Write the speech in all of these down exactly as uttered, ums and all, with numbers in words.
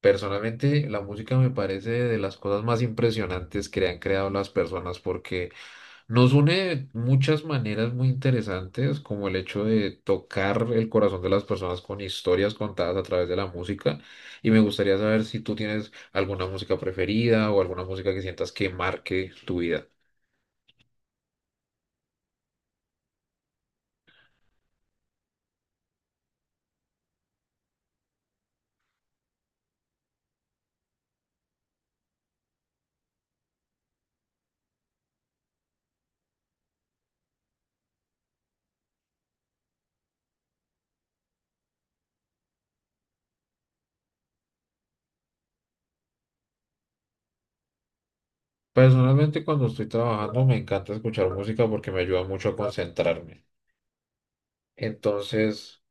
Personalmente, la música me parece de las cosas más impresionantes que han creado las personas porque nos une de muchas maneras muy interesantes, como el hecho de tocar el corazón de las personas con historias contadas a través de la música. Y me gustaría saber si tú tienes alguna música preferida o alguna música que sientas que marque tu vida. Personalmente, cuando estoy trabajando, me encanta escuchar música porque me ayuda mucho a concentrarme. Entonces...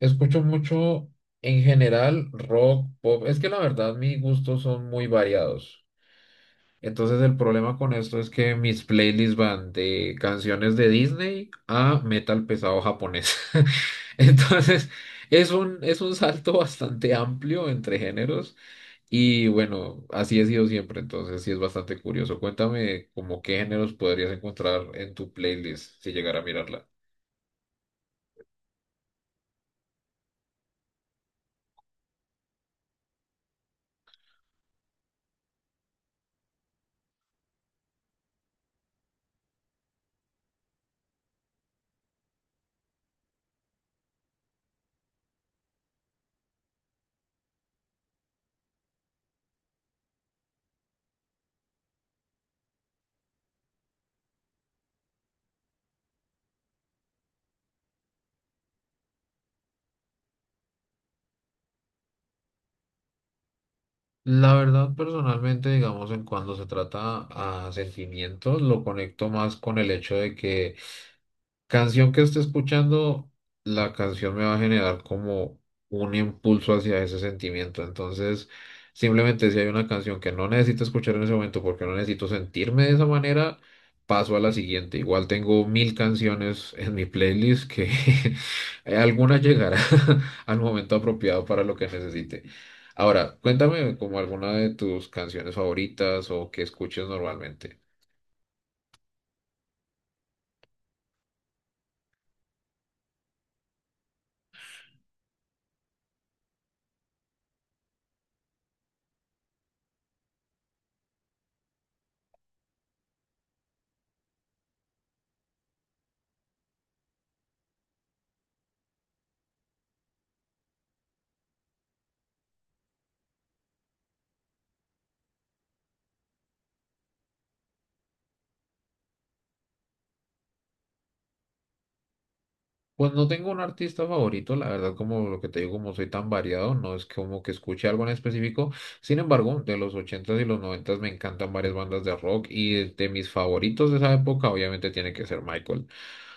Escucho mucho en general rock, pop. Es que la verdad mis gustos son muy variados. Entonces el problema con esto es que mis playlists van de canciones de Disney a metal pesado japonés. Entonces es un, es un salto bastante amplio entre géneros y bueno, así he sido siempre. Entonces sí es bastante curioso. Cuéntame como qué géneros podrías encontrar en tu playlist si llegara a mirarla. La verdad, personalmente, digamos, en cuando se trata a sentimientos, lo conecto más con el hecho de que canción que esté escuchando, la canción me va a generar como un impulso hacia ese sentimiento. Entonces, simplemente si hay una canción que no necesito escuchar en ese momento porque no necesito sentirme de esa manera, paso a la siguiente. Igual tengo mil canciones en mi playlist que alguna llegará al momento apropiado para lo que necesite. Ahora, cuéntame como alguna de tus canciones favoritas o que escuches normalmente. Pues no tengo un artista favorito, la verdad, como lo que te digo, como soy tan variado, no es como que escuche algo en específico. Sin embargo, de los ochentas y los noventas me encantan varias bandas de rock y de, de mis favoritos de esa época, obviamente tiene que ser Michael.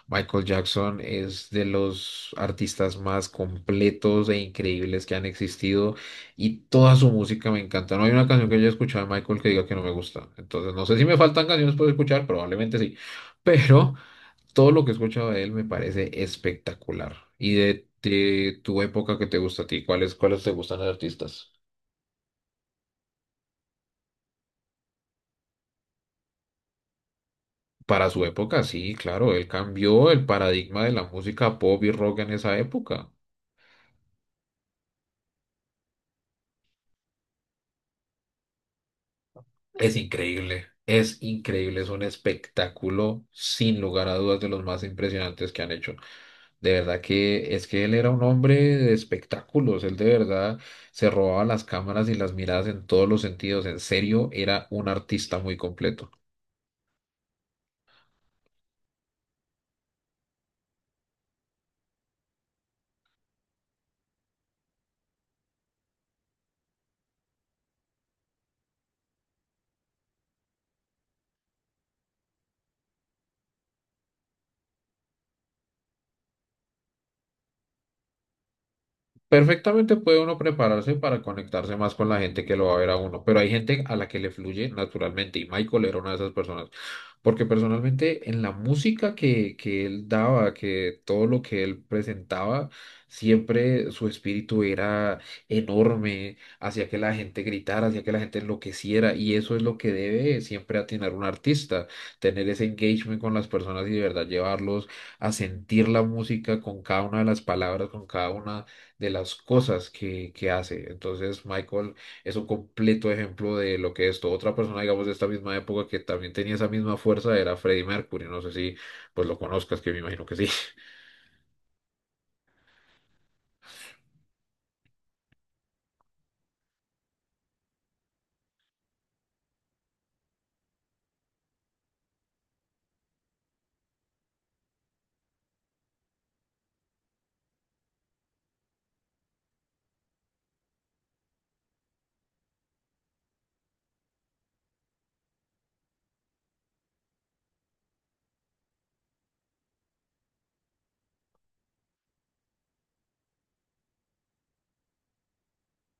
Michael Jackson es de los artistas más completos e increíbles que han existido y toda su música me encanta. No hay una canción que haya escuchado de Michael que diga que no me gusta. Entonces, no sé si me faltan canciones por escuchar, probablemente sí. Pero todo lo que he escuchado de él me parece espectacular. Y de, de tu época que te gusta a ti, ¿cuáles, cuáles te gustan los artistas? Para su época, sí, claro, él cambió el paradigma de la música pop y rock en esa época. Es increíble, es increíble, es un espectáculo sin lugar a dudas de los más impresionantes que han hecho. De verdad que es que él era un hombre de espectáculos, él de verdad se robaba las cámaras y las miradas en todos los sentidos, en serio, era un artista muy completo. Perfectamente puede uno prepararse para conectarse más con la gente que lo va a ver a uno, pero hay gente a la que le fluye naturalmente y Michael era una de esas personas, porque personalmente en la música que, que él daba, que todo lo que él presentaba, siempre su espíritu era enorme, hacía que la gente gritara, hacía que la gente enloqueciera y eso es lo que debe siempre atinar un artista, tener ese engagement con las personas y de verdad llevarlos a sentir la música con cada una de las palabras, con cada una de las cosas que, que hace. Entonces, Michael es un completo ejemplo de lo que es esto. Otra persona, digamos, de esta misma época que también tenía esa misma fuerza era Freddie Mercury. No sé si pues lo conozcas, que me imagino que sí.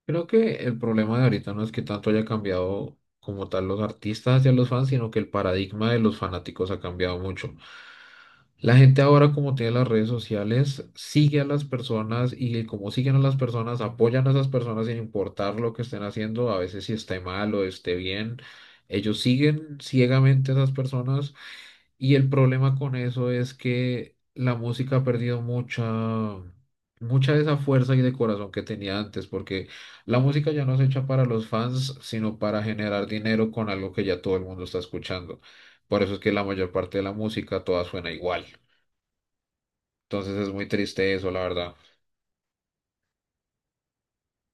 Creo que el problema de ahorita no es que tanto haya cambiado como tal los artistas hacia los fans, sino que el paradigma de los fanáticos ha cambiado mucho. La gente ahora, como tiene las redes sociales, sigue a las personas y como siguen a las personas, apoyan a esas personas sin importar lo que estén haciendo, a veces si esté mal o esté bien. Ellos siguen ciegamente a esas personas y el problema con eso es que la música ha perdido mucha, mucha de esa fuerza y de corazón que tenía antes, porque la música ya no es hecha para los fans, sino para generar dinero con algo que ya todo el mundo está escuchando. Por eso es que la mayor parte de la música toda suena igual. Entonces es muy triste eso, la verdad.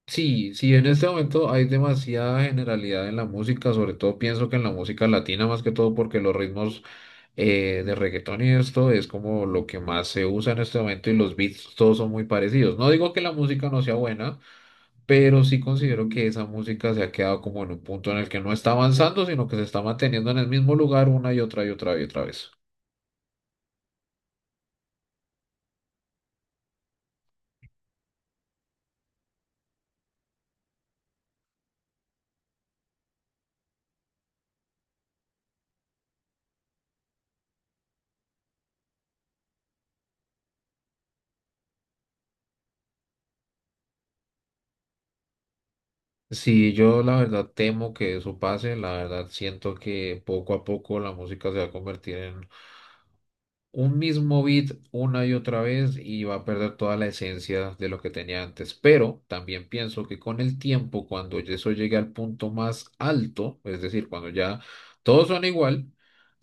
Sí, sí, en este momento hay demasiada generalidad en la música, sobre todo pienso que en la música latina más que todo porque los ritmos eh, de reggaetón y esto es como lo que más se usa en este momento y los beats todos son muy parecidos. No digo que la música no sea buena, pero sí considero que esa música se ha quedado como en un punto en el que no está avanzando, sino que se está manteniendo en el mismo lugar una y otra y otra y otra vez. Sí, yo la verdad temo que eso pase, la verdad siento que poco a poco la música se va a convertir en un mismo beat una y otra vez y va a perder toda la esencia de lo que tenía antes. Pero también pienso que con el tiempo, cuando eso llegue al punto más alto, es decir, cuando ya todos son igual,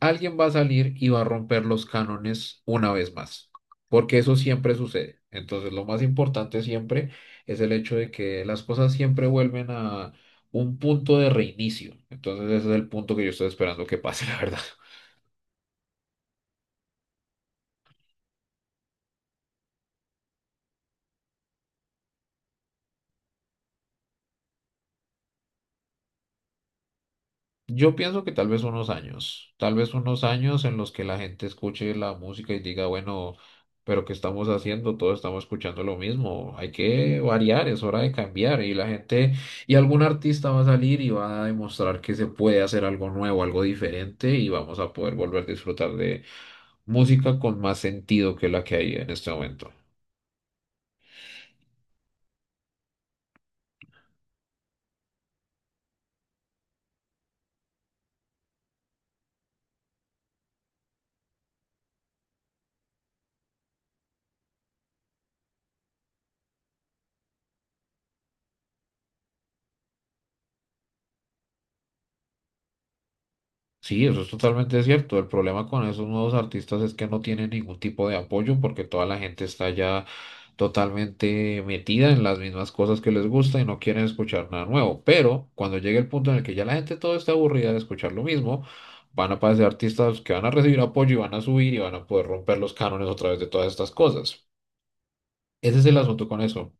alguien va a salir y va a romper los cánones una vez más, porque eso siempre sucede. Entonces, lo más importante siempre es el hecho de que las cosas siempre vuelven a un punto de reinicio. Entonces, ese es el punto que yo estoy esperando que pase, la verdad. Yo pienso que tal vez unos años, tal vez unos años en los que la gente escuche la música y diga, bueno, pero ¿qué estamos haciendo? Todos estamos escuchando lo mismo, hay que variar, es hora de cambiar y la gente, y algún artista va a salir y va a demostrar que se puede hacer algo nuevo, algo diferente y vamos a poder volver a disfrutar de música con más sentido que la que hay en este momento. Sí, eso es totalmente cierto. El problema con esos nuevos artistas es que no tienen ningún tipo de apoyo porque toda la gente está ya totalmente metida en las mismas cosas que les gusta y no quieren escuchar nada nuevo. Pero cuando llegue el punto en el que ya la gente todo está aburrida de escuchar lo mismo, van a aparecer artistas que van a recibir apoyo y van a subir y van a poder romper los cánones otra vez de todas estas cosas. Ese es el asunto con eso.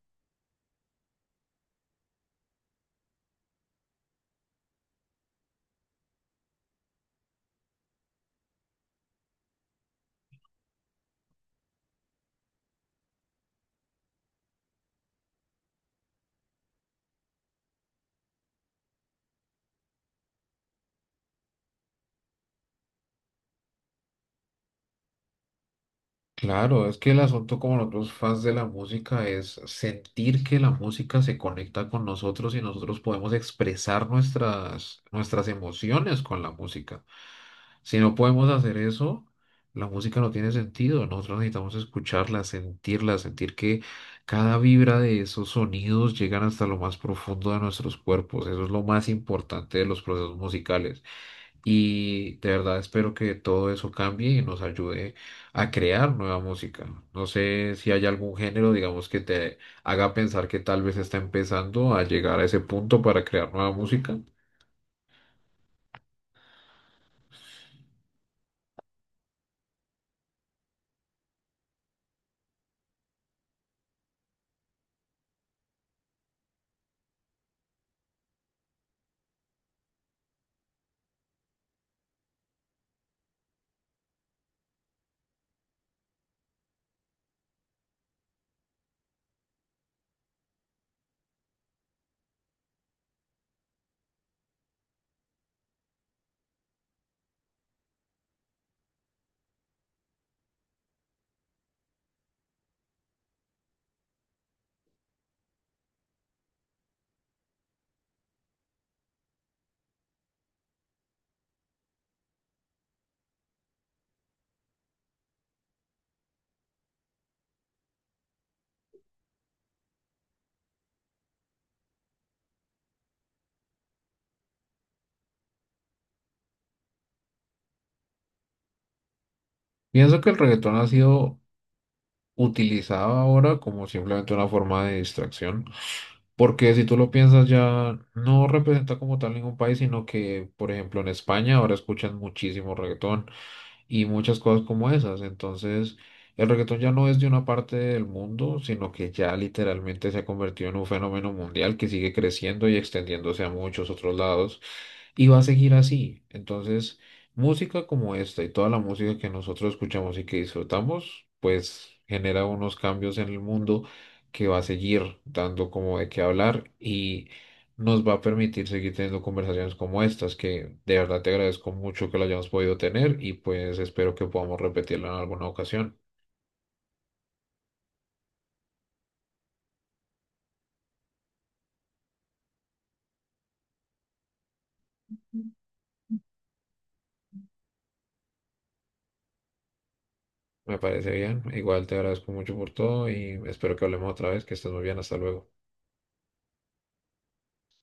Claro, es que el asunto como nosotros fans de la música es sentir que la música se conecta con nosotros y nosotros podemos expresar nuestras, nuestras emociones con la música. Si no podemos hacer eso, la música no tiene sentido. Nosotros necesitamos escucharla, sentirla, sentir que cada vibra de esos sonidos llegan hasta lo más profundo de nuestros cuerpos. Eso es lo más importante de los procesos musicales. Y de verdad espero que todo eso cambie y nos ayude a crear nueva música. No sé si hay algún género, digamos, que te haga pensar que tal vez está empezando a llegar a ese punto para crear nueva música. Pienso que el reggaetón ha sido utilizado ahora como simplemente una forma de distracción, porque si tú lo piensas ya no representa como tal ningún país, sino que, por ejemplo, en España ahora escuchan muchísimo reggaetón y muchas cosas como esas. Entonces, el reggaetón ya no es de una parte del mundo, sino que ya literalmente se ha convertido en un fenómeno mundial que sigue creciendo y extendiéndose a muchos otros lados. Y va a seguir así. Entonces, música como esta y toda la música que nosotros escuchamos y que disfrutamos, pues genera unos cambios en el mundo que va a seguir dando como de qué hablar y nos va a permitir seguir teniendo conversaciones como estas, que de verdad te agradezco mucho que lo hayamos podido tener y pues espero que podamos repetirlo en alguna ocasión. Me parece bien. Igual te agradezco mucho por todo y espero que hablemos otra vez, que estés muy bien. Hasta luego.